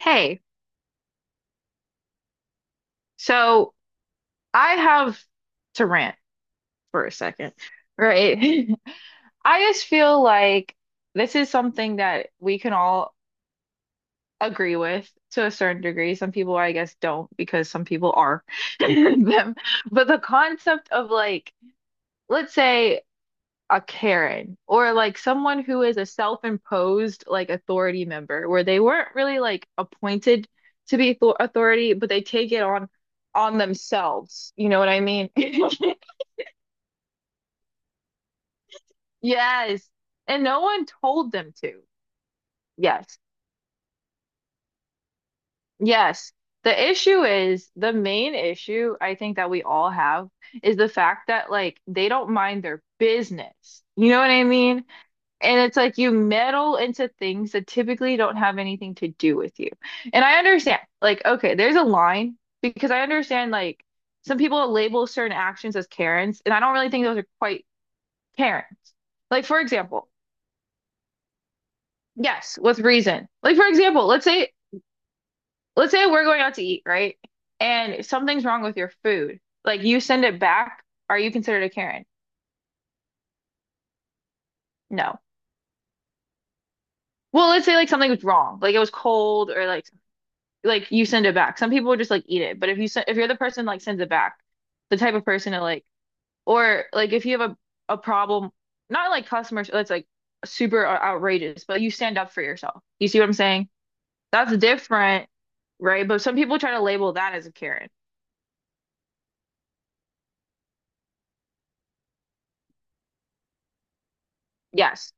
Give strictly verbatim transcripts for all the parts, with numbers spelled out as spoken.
Hey, so I have to rant for a second, right? I just feel like this is something that we can all agree with to a certain degree. Some people, I guess, don't because some people are them. But the concept of like, let's say a Karen or like someone who is a self-imposed like authority member where they weren't really like appointed to be th authority, but they take it on on themselves. You know what I mean? Yes. And no one told them to. Yes. Yes. The issue is the main issue I think that we all have is the fact that like they don't mind their business. You know what I mean? And it's like you meddle into things that typically don't have anything to do with you. And I understand, like, okay, there's a line because I understand, like, some people label certain actions as Karens, and I don't really think those are quite Karens. Like, for example, yes, with reason. Like, for example, let's say, let's say we're going out to eat, right? And something's wrong with your food. Like, you send it back. Are you considered a Karen? No. Well, let's say like something was wrong, like it was cold or like like you send it back. Some people would just like eat it, but if you se- if you're the person like sends it back, the type of person to like or like if you have a a problem, not like customers that's like super uh, outrageous, but you stand up for yourself. You see what I'm saying? That's different, right? But some people try to label that as a Karen. Yes.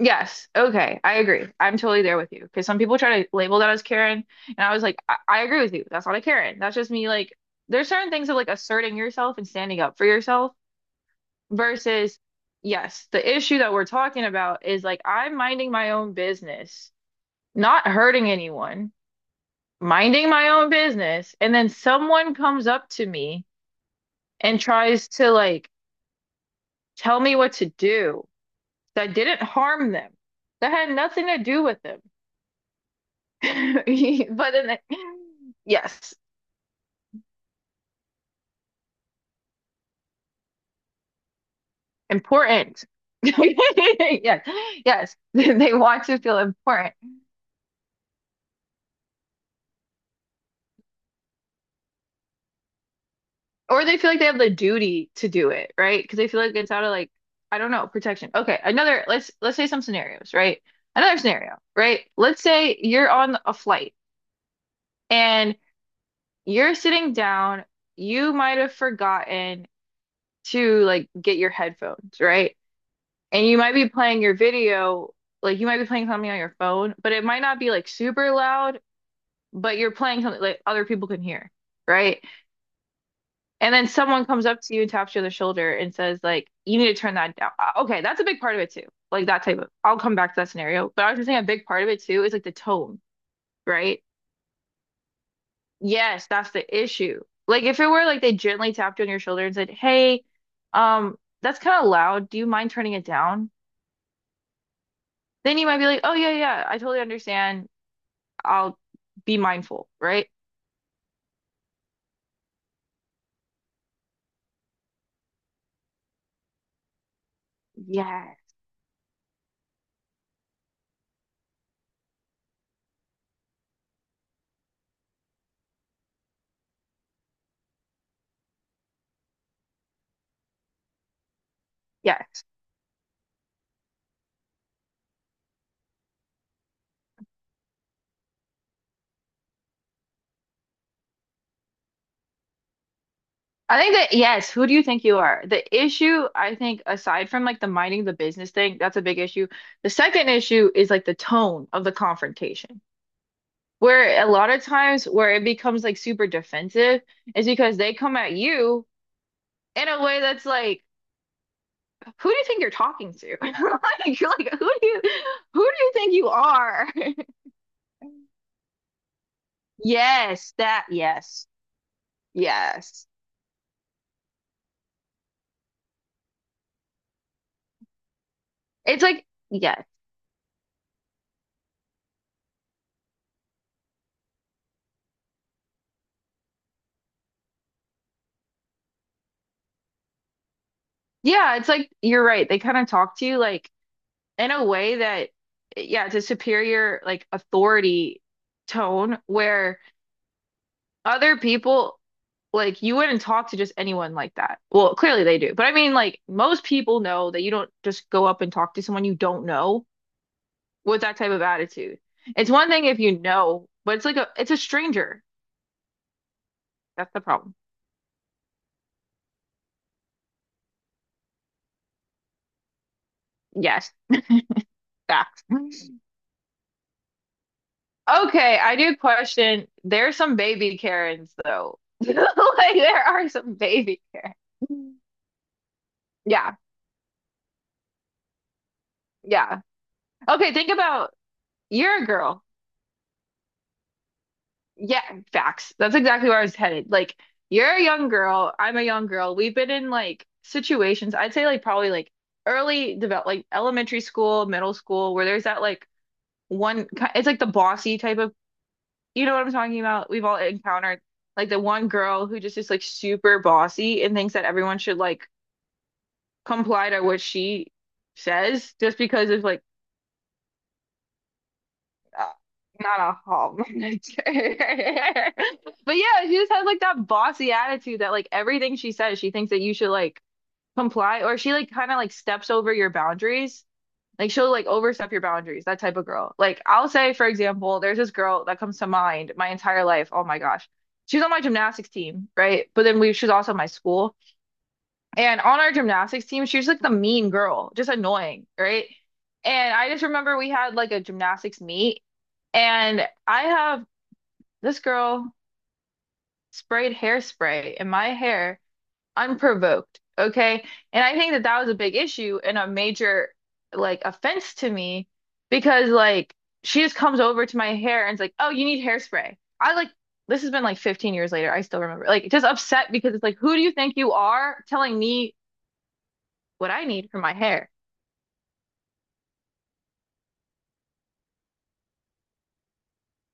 Yes. Okay, I agree. I'm totally there with you because some people try to label that as Karen, and I was like, I, I agree with you. That's not a Karen. That's just me like there's certain things of like asserting yourself and standing up for yourself. Versus, yes, the issue that we're talking about is like I'm minding my own business, not hurting anyone, minding my own business, and then someone comes up to me and tries to like tell me what to do that didn't harm them, that had nothing to do with them. But in the, yes, important. Yes, yes, they want to feel important. Or they feel like they have the duty to do it, right? Because they feel like it's out of like, I don't know, protection. Okay, another, let's let's say some scenarios, right? Another scenario, right? Let's say you're on a flight and you're sitting down, you might have forgotten to like get your headphones, right? And you might be playing your video, like you might be playing something on your phone, but it might not be like super loud, but you're playing something like other people can hear, right? And then someone comes up to you, and taps you on the shoulder, and says, like, you need to turn that down. Uh, Okay, that's a big part of it too. Like that type of, I'll come back to that scenario. But I was just saying a big part of it too is like the tone, right? Yes, that's the issue. Like if it were like they gently tapped you on your shoulder and said, "Hey, um, that's kind of loud. Do you mind turning it down?" Then you might be like, "Oh yeah, yeah, I totally understand. I'll be mindful," right? Yeah, yes. I think that yes, who do you think you are? The issue, I think, aside from like the minding the business thing, that's a big issue. The second issue is like the tone of the confrontation, where a lot of times where it becomes like super defensive is because they come at you in a way that's like, who do you think you're talking to? Like, you're like, who do you who do you think you are? Yes, that, yes, yes. It's like, yes. Yeah, it's like you're right. They kind of talk to you like in a way that, yeah, it's a superior like authority tone where other people like you wouldn't talk to just anyone like that. Well, clearly they do, but I mean, like most people know that you don't just go up and talk to someone you don't know with that type of attitude. It's one thing if you know, but it's like a it's a stranger. That's the problem. Yes, facts. Okay, I do question. There's some baby Karens though. Like there are some baby Karens. Yeah, yeah. Okay, think about you're a girl. Yeah, facts. That's exactly where I was headed. Like, you're a young girl. I'm a young girl. We've been in like situations, I'd say like probably like early develop like elementary school, middle school, where there's that like one, ki- it's like the bossy type of, you know what I'm talking about? We've all encountered like the one girl who just is like super bossy and thinks that everyone should like comply to what she says just because of like uh, not a hallmark. But yeah, she just has like that bossy attitude that like everything she says, she thinks that you should like comply or she like kind of like steps over your boundaries. Like she'll like overstep your boundaries, that type of girl. Like I'll say, for example, there's this girl that comes to mind my entire life. Oh my gosh. She's on my gymnastics team, right? But then we she was also in my school. And on our gymnastics team, she was like the mean girl, just annoying, right? And I just remember we had like a gymnastics meet, and I have this girl sprayed hairspray in my hair unprovoked, okay? And I think that that was a big issue and a major like offense to me because like she just comes over to my hair and's like, "Oh, you need hairspray." I like this has been like fifteen years later. I still remember. Like just upset because it's like, "Who do you think you are telling me what I need for my hair?"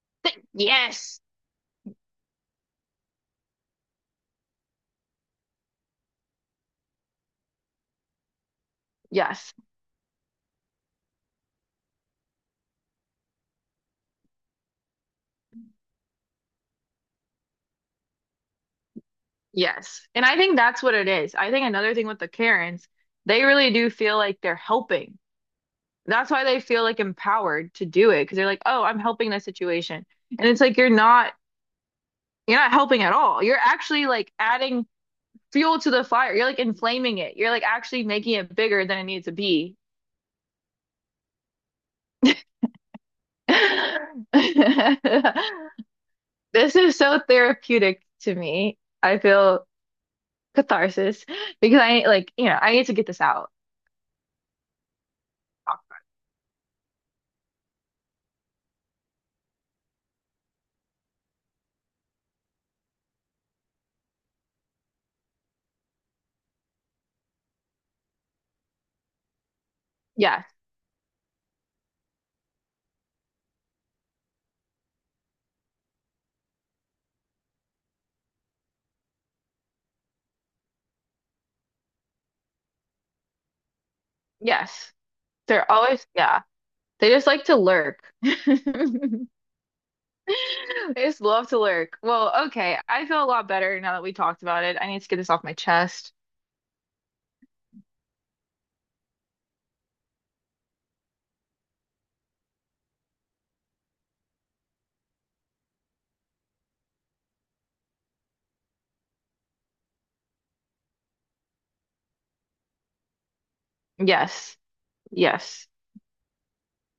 Th- yes, yes, yes. And I think that's what it is. I think another thing with the Karens, they really do feel like they're helping. That's why they feel like empowered to do it because they're like, oh, I'm helping this situation. And it's like you're not you're not helping at all. You're actually like adding fuel to the fire. You're like inflaming it. You're like actually making it bigger than it needs to be. This is so therapeutic to me. I feel catharsis because I like, you know, I need to get this out. Yes, yes. They're always, yeah. They just like to lurk. They just love to lurk. Well, okay. I feel a lot better now that we talked about it. I need to get this off my chest. Yes, yes.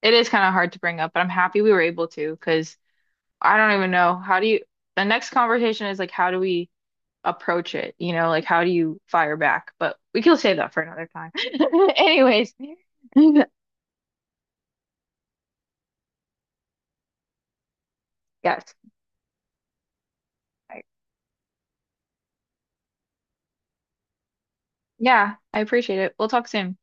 It is kind of hard to bring up, but I'm happy we were able to because I don't even know. How do you, the next conversation is like, how do we approach it? You know, like, how do you fire back? But we can save that for another time. Anyways, yes. I- Yeah, I appreciate it. We'll talk soon.